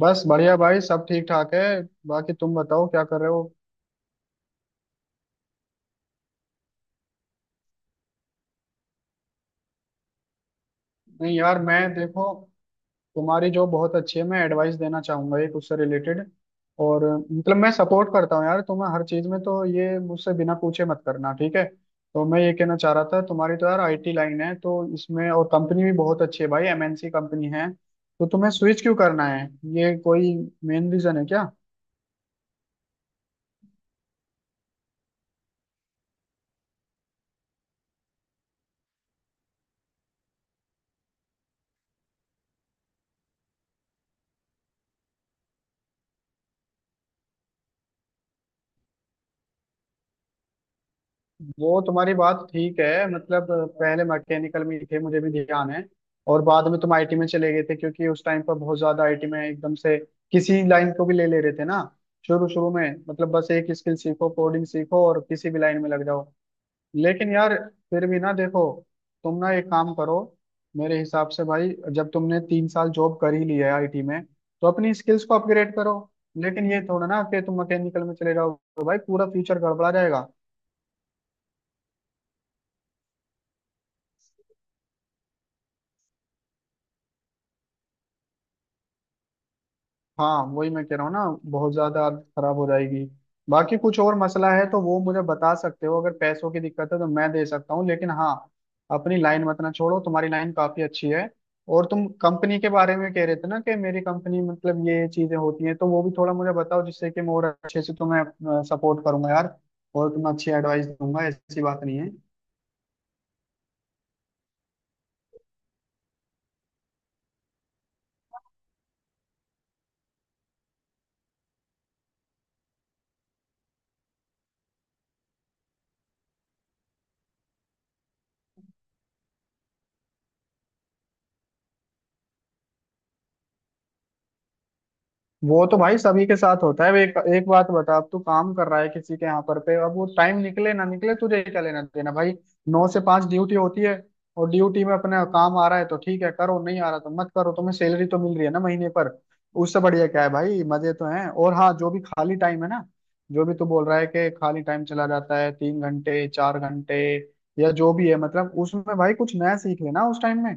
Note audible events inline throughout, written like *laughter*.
बस बढ़िया भाई, सब ठीक ठाक है। बाकी तुम बताओ क्या कर रहे हो। नहीं यार, मैं देखो तुम्हारी जो बहुत अच्छी है, मैं एडवाइस देना चाहूंगा एक उससे रिलेटेड। और मतलब मैं सपोर्ट करता हूँ यार तुम्हें हर चीज में, तो ये मुझसे बिना पूछे मत करना, ठीक है। तो मैं ये कहना चाह रहा था, तुम्हारी तो यार आईटी लाइन है, तो इसमें और कंपनी भी बहुत अच्छी है भाई, एमएनसी कंपनी है, तो तुम्हें स्विच क्यों करना है। ये कोई मेन रीजन है क्या? वो तुम्हारी बात ठीक है, मतलब पहले मैकेनिकल में थे, मुझे भी ध्यान है। और बाद में तुम आईटी में चले गए थे, क्योंकि उस टाइम पर बहुत ज्यादा आईटी में एकदम से किसी लाइन को भी ले ले रहे थे ना। शुरू शुरू में मतलब बस एक स्किल सीखो, कोडिंग सीखो और किसी भी लाइन में लग जाओ। लेकिन यार फिर भी ना, देखो तुम ना एक काम करो, मेरे हिसाब से भाई, जब तुमने 3 साल जॉब कर ही ली है आईटी में, तो अपनी स्किल्स को अपग्रेड करो। लेकिन ये थोड़ा ना कि तुम मैकेनिकल में चले जाओ, तो भाई पूरा फ्यूचर गड़बड़ा जाएगा। हाँ वही मैं कह रहा हूँ ना, बहुत ज्यादा हालत खराब हो जाएगी। बाकी कुछ और मसला है तो वो मुझे बता सकते हो, अगर पैसों की दिक्कत है तो मैं दे सकता हूँ, लेकिन हाँ अपनी लाइन मत ना छोड़ो, तुम्हारी लाइन काफी अच्छी है। और तुम कंपनी के बारे में कह रहे थे ना कि मेरी कंपनी मतलब ये चीजें होती हैं, तो वो भी थोड़ा मुझे बताओ जिससे कि मैं और अच्छे से तुम्हें सपोर्ट करूंगा यार और तुम्हें अच्छी एडवाइस दूंगा, ऐसी बात नहीं है। वो तो भाई सभी के साथ होता है। अब एक एक बात बता, अब तू काम कर रहा है किसी के यहाँ पर पे, अब वो टाइम निकले ना निकले तुझे क्या लेना देना भाई। 9 से 5 ड्यूटी होती है, और ड्यूटी में अपना काम आ रहा है तो ठीक है करो, नहीं आ रहा तो मत करो, तुम्हें सैलरी तो मिल रही है ना महीने पर। उससे बढ़िया क्या है भाई, मजे तो हैं। और हाँ, जो भी खाली टाइम है ना, जो भी तू बोल रहा है कि खाली टाइम चला जाता है 3 घंटे 4 घंटे, या जो भी है मतलब, उसमें भाई कुछ नया सीख लेना उस टाइम में।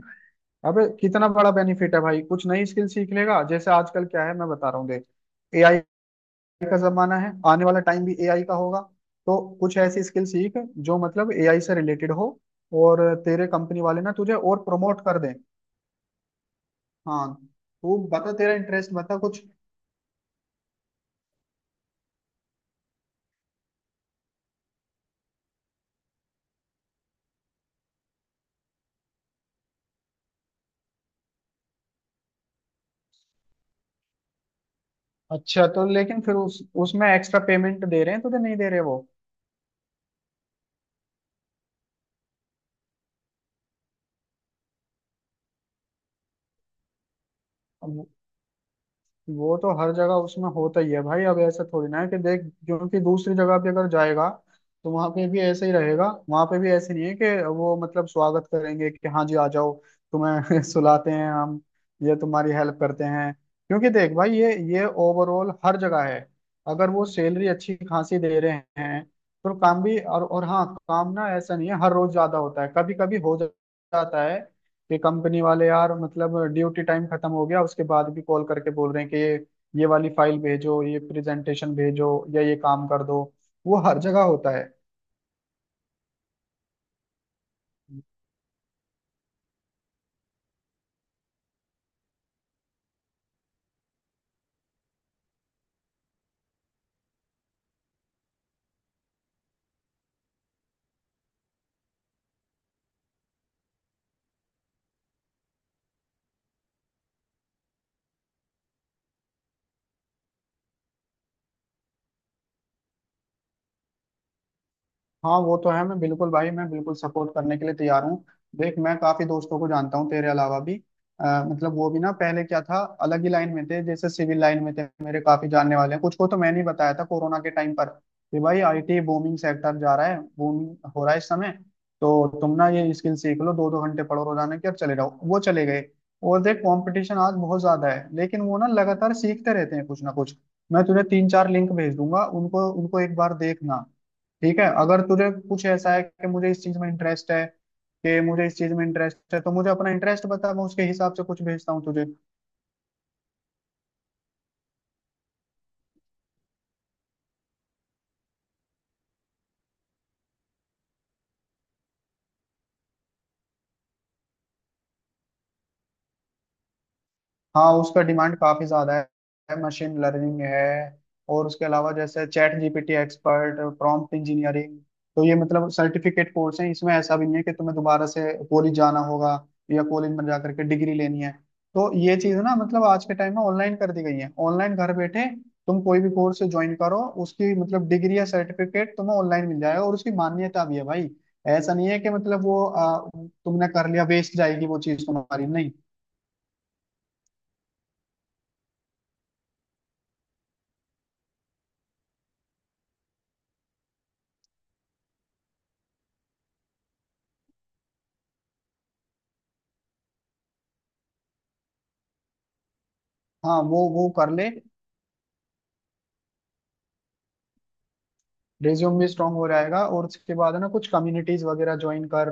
अबे कितना बड़ा बेनिफिट है भाई, कुछ नई स्किल सीख लेगा। जैसे आजकल क्या है मैं बता रहा हूँ देख, एआई का जमाना है, आने वाला टाइम भी एआई का होगा। तो कुछ ऐसी स्किल सीख जो मतलब एआई से रिलेटेड हो, और तेरे कंपनी वाले ना तुझे और प्रमोट कर दें। हाँ, तू बता तेरा इंटरेस्ट बता कुछ। अच्छा, तो लेकिन फिर उस उसमें एक्स्ट्रा पेमेंट दे रहे हैं तुझे, नहीं दे रहे वो? वो तो हर जगह उसमें होता ही है भाई। अब ऐसा थोड़ी ना है कि देख जो कि दूसरी जगह पे अगर जाएगा तो वहां पे भी ऐसे ही रहेगा, वहां पे भी ऐसे नहीं है कि वो मतलब स्वागत करेंगे कि हाँ जी आ जाओ, तुम्हें *laughs* सुलाते हैं हम, ये तुम्हारी हेल्प करते हैं। क्योंकि देख भाई ये ओवरऑल हर जगह है। अगर वो सैलरी अच्छी खासी दे रहे हैं तो काम भी और हाँ, काम ना ऐसा नहीं है हर रोज ज्यादा होता है, कभी कभी हो जाता है कि कंपनी वाले यार मतलब ड्यूटी टाइम खत्म हो गया उसके बाद भी कॉल करके बोल रहे हैं कि ये वाली फाइल भेजो, ये प्रेजेंटेशन भेजो या ये काम कर दो। वो हर जगह होता है। हाँ वो तो है, मैं बिल्कुल भाई मैं बिल्कुल सपोर्ट करने के लिए तैयार हूँ। देख मैं काफी दोस्तों को जानता हूँ तेरे अलावा भी, मतलब वो भी ना पहले क्या था, अलग ही लाइन में थे, जैसे सिविल लाइन में थे, मेरे काफी जानने वाले हैं, कुछ को तो मैंने ही बताया था कोरोना के टाइम पर कि भाई आईटी बूमिंग सेक्टर जा रहा है, बूम हो रहा है इस समय। तो तुम ना ये स्किल सीख लो 2 2 घंटे पढ़ो रोजाना के और चले जाओ, वो चले गए। और देख कंपटीशन आज बहुत ज्यादा है, लेकिन वो ना लगातार सीखते रहते हैं कुछ ना कुछ। मैं तुझे 3 4 लिंक भेज दूंगा, उनको उनको एक बार देखना, ठीक है। अगर तुझे कुछ ऐसा है कि मुझे इस चीज में इंटरेस्ट है, तो मुझे अपना इंटरेस्ट बता, मैं उसके हिसाब से कुछ भेजता हूँ तुझे। हाँ, उसका डिमांड काफी ज्यादा है, मशीन लर्निंग है, और उसके अलावा जैसे ChatGPT expert, prompt engineering. तो ये मतलब सर्टिफिकेट कोर्स हैं, इसमें ऐसा भी नहीं है कि तुम्हें दोबारा से कॉलेज जाना होगा या कॉलेज में जा करके डिग्री लेनी है। तो ये चीज ना मतलब आज के टाइम में ऑनलाइन कर दी गई है, ऑनलाइन घर बैठे तुम कोई भी कोर्स ज्वाइन करो, उसकी मतलब डिग्री या सर्टिफिकेट तुम्हें ऑनलाइन मिल जाएगा, और उसकी मान्यता भी है भाई। ऐसा नहीं है कि मतलब वो तुमने कर लिया वेस्ट जाएगी, वो चीज तुम्हारी नहीं। हाँ वो कर ले, रिज्यूम भी स्ट्रांग हो जाएगा। और उसके बाद है ना कुछ कम्युनिटीज वगैरह ज्वाइन कर,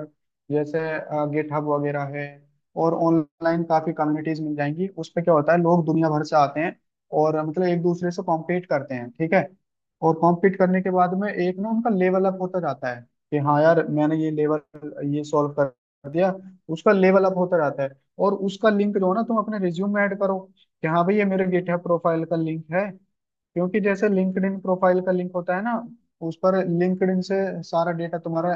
जैसे गिटहब वगैरह है, और ऑनलाइन काफी कम्युनिटीज मिल जाएंगी। उस पे क्या होता है लोग दुनिया भर से आते हैं और मतलब एक दूसरे से कॉम्पीट करते हैं, ठीक है। और कॉम्पीट करने के बाद में एक ना उनका लेवल अप होता जाता है, कि हाँ यार मैंने ये लेवल ये सॉल्व कर दिया, उसका लेवल अप होता जाता है। और उसका लिंक जो है ना तुम अपने रिज्यूम में ऐड करो कि हाँ भाई ये मेरे गिटहब प्रोफाइल का लिंक है, क्योंकि जैसे लिंक्डइन प्रोफाइल का लिंक होता है ना, उस पर लिंक्डइन से सारा डेटा तुम्हारा।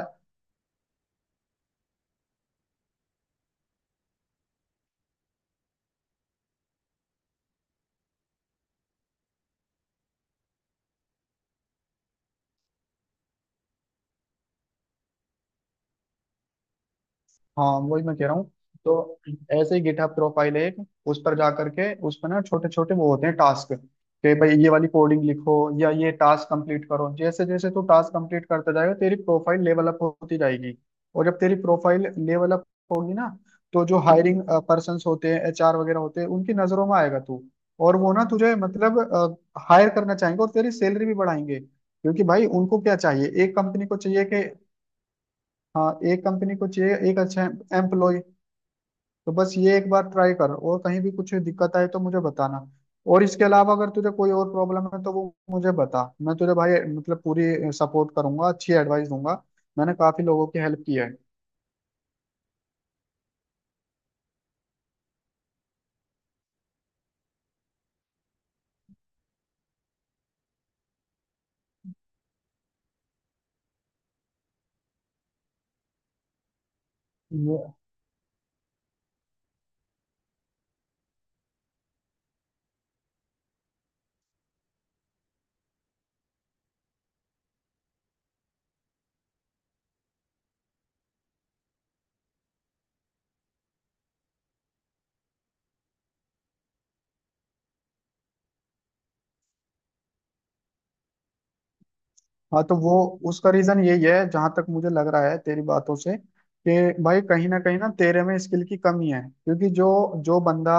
हाँ वही मैं कह रहा हूँ। तो ऐसे ही गिटहब प्रोफाइल है एक, उस पर जा करके उस पर ना छोटे छोटे वो होते हैं टास्क, कि भाई ये वाली कोडिंग लिखो या ये टास्क कंप्लीट करो। जैसे जैसे तू टास्क कंप्लीट करता जाएगा तेरी प्रोफाइल लेवल अप होती जाएगी, और जब तेरी प्रोफाइल लेवल अप होगी ना, तो जो हायरिंग पर्सन होते हैं, एचआर वगैरह होते हैं, उनकी नजरों में आएगा तू, और वो ना तुझे मतलब हायर करना चाहेंगे और तेरी सैलरी भी बढ़ाएंगे, क्योंकि भाई उनको क्या चाहिए, एक कंपनी को चाहिए कि हाँ एक कंपनी को चाहिए एक अच्छा एम्प्लॉय। तो बस ये एक बार ट्राई कर, और कहीं भी कुछ दिक्कत आए तो मुझे बताना। और इसके अलावा अगर तुझे कोई और प्रॉब्लम है तो वो मुझे बता, मैं तुझे भाई मतलब पूरी सपोर्ट करूंगा, अच्छी एडवाइस दूंगा। मैंने काफी लोगों की हेल्प की है। हाँ तो वो उसका रीजन यही है जहां तक मुझे लग रहा है तेरी बातों से, कि भाई कहीं ना तेरे में स्किल की कमी है, क्योंकि जो जो बंदा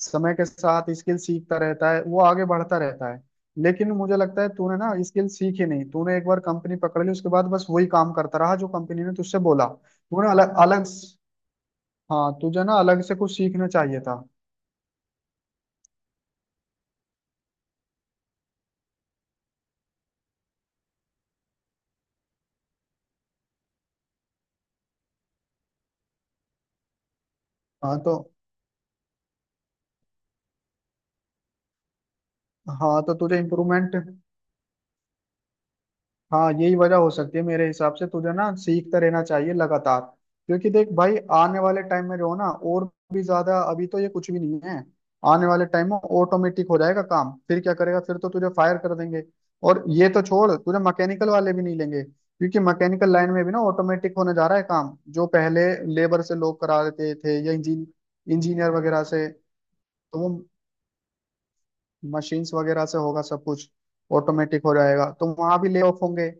समय के साथ स्किल सीखता रहता है वो आगे बढ़ता रहता है। लेकिन मुझे लगता है तूने ना स्किल सीखी नहीं, तूने एक बार कंपनी पकड़ ली, उसके बाद बस वही काम करता रहा जो कंपनी ने तुझसे बोला, तूने अलग अलग, हाँ तुझे ना अलग से कुछ सीखना चाहिए था। हाँ तो हाँ तो तुझे इम्प्रूवमेंट, हाँ यही वजह हो सकती है मेरे हिसाब से, तुझे ना सीखते रहना चाहिए लगातार, क्योंकि देख भाई आने वाले टाइम में जो ना और भी ज्यादा, अभी तो ये कुछ भी नहीं है, आने वाले टाइम में ऑटोमेटिक हो जाएगा काम, फिर क्या करेगा, फिर तो तुझे फायर कर देंगे। और ये तो छोड़, तुझे मैकेनिकल वाले भी नहीं लेंगे, क्योंकि मैकेनिकल लाइन में भी ना ऑटोमेटिक होने जा रहा है काम, जो पहले लेबर से लोग करा देते थे या इंजीनियर वगैरह से, तो वो मशीन्स वगैरह से होगा सब कुछ, ऑटोमेटिक हो जाएगा, तो वहां भी ले ऑफ होंगे।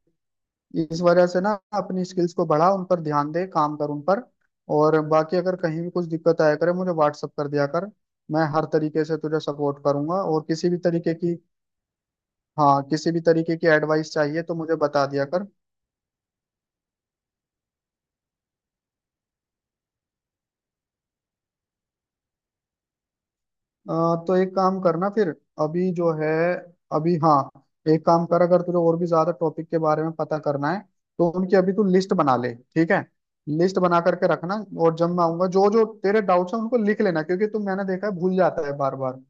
इस वजह से ना अपनी स्किल्स को बढ़ा, उन पर ध्यान दे, काम कर उन पर। और बाकी अगर कहीं भी कुछ दिक्कत आया करे मुझे व्हाट्सअप कर दिया कर, मैं हर तरीके से तुझे सपोर्ट करूंगा और किसी भी तरीके की, हाँ किसी भी तरीके की एडवाइस चाहिए तो मुझे बता दिया कर। तो एक काम करना फिर, अभी जो है अभी, हाँ एक काम कर, अगर तुझे और भी ज्यादा टॉपिक के बारे में पता करना है तो उनकी अभी तू लिस्ट बना ले, ठीक है। लिस्ट बना करके रखना, और जब मैं आऊंगा जो जो तेरे डाउट्स हैं उनको लिख लेना, क्योंकि तू मैंने देखा है भूल जाता है बार बार,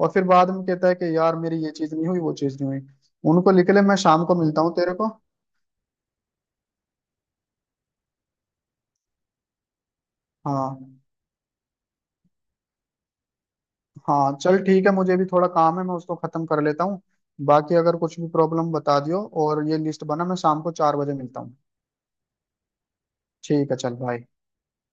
और फिर बाद में कहता है कि यार मेरी ये चीज नहीं हुई वो चीज नहीं हुई। उनको लिख ले, मैं शाम को मिलता हूँ तेरे को। हाँ हाँ, चल ठीक है, मुझे भी थोड़ा काम है मैं उसको खत्म कर लेता हूँ। बाकी अगर कुछ भी प्रॉब्लम बता दियो, और ये लिस्ट बना, मैं शाम को 4 बजे मिलता हूँ। ठीक है चल भाई।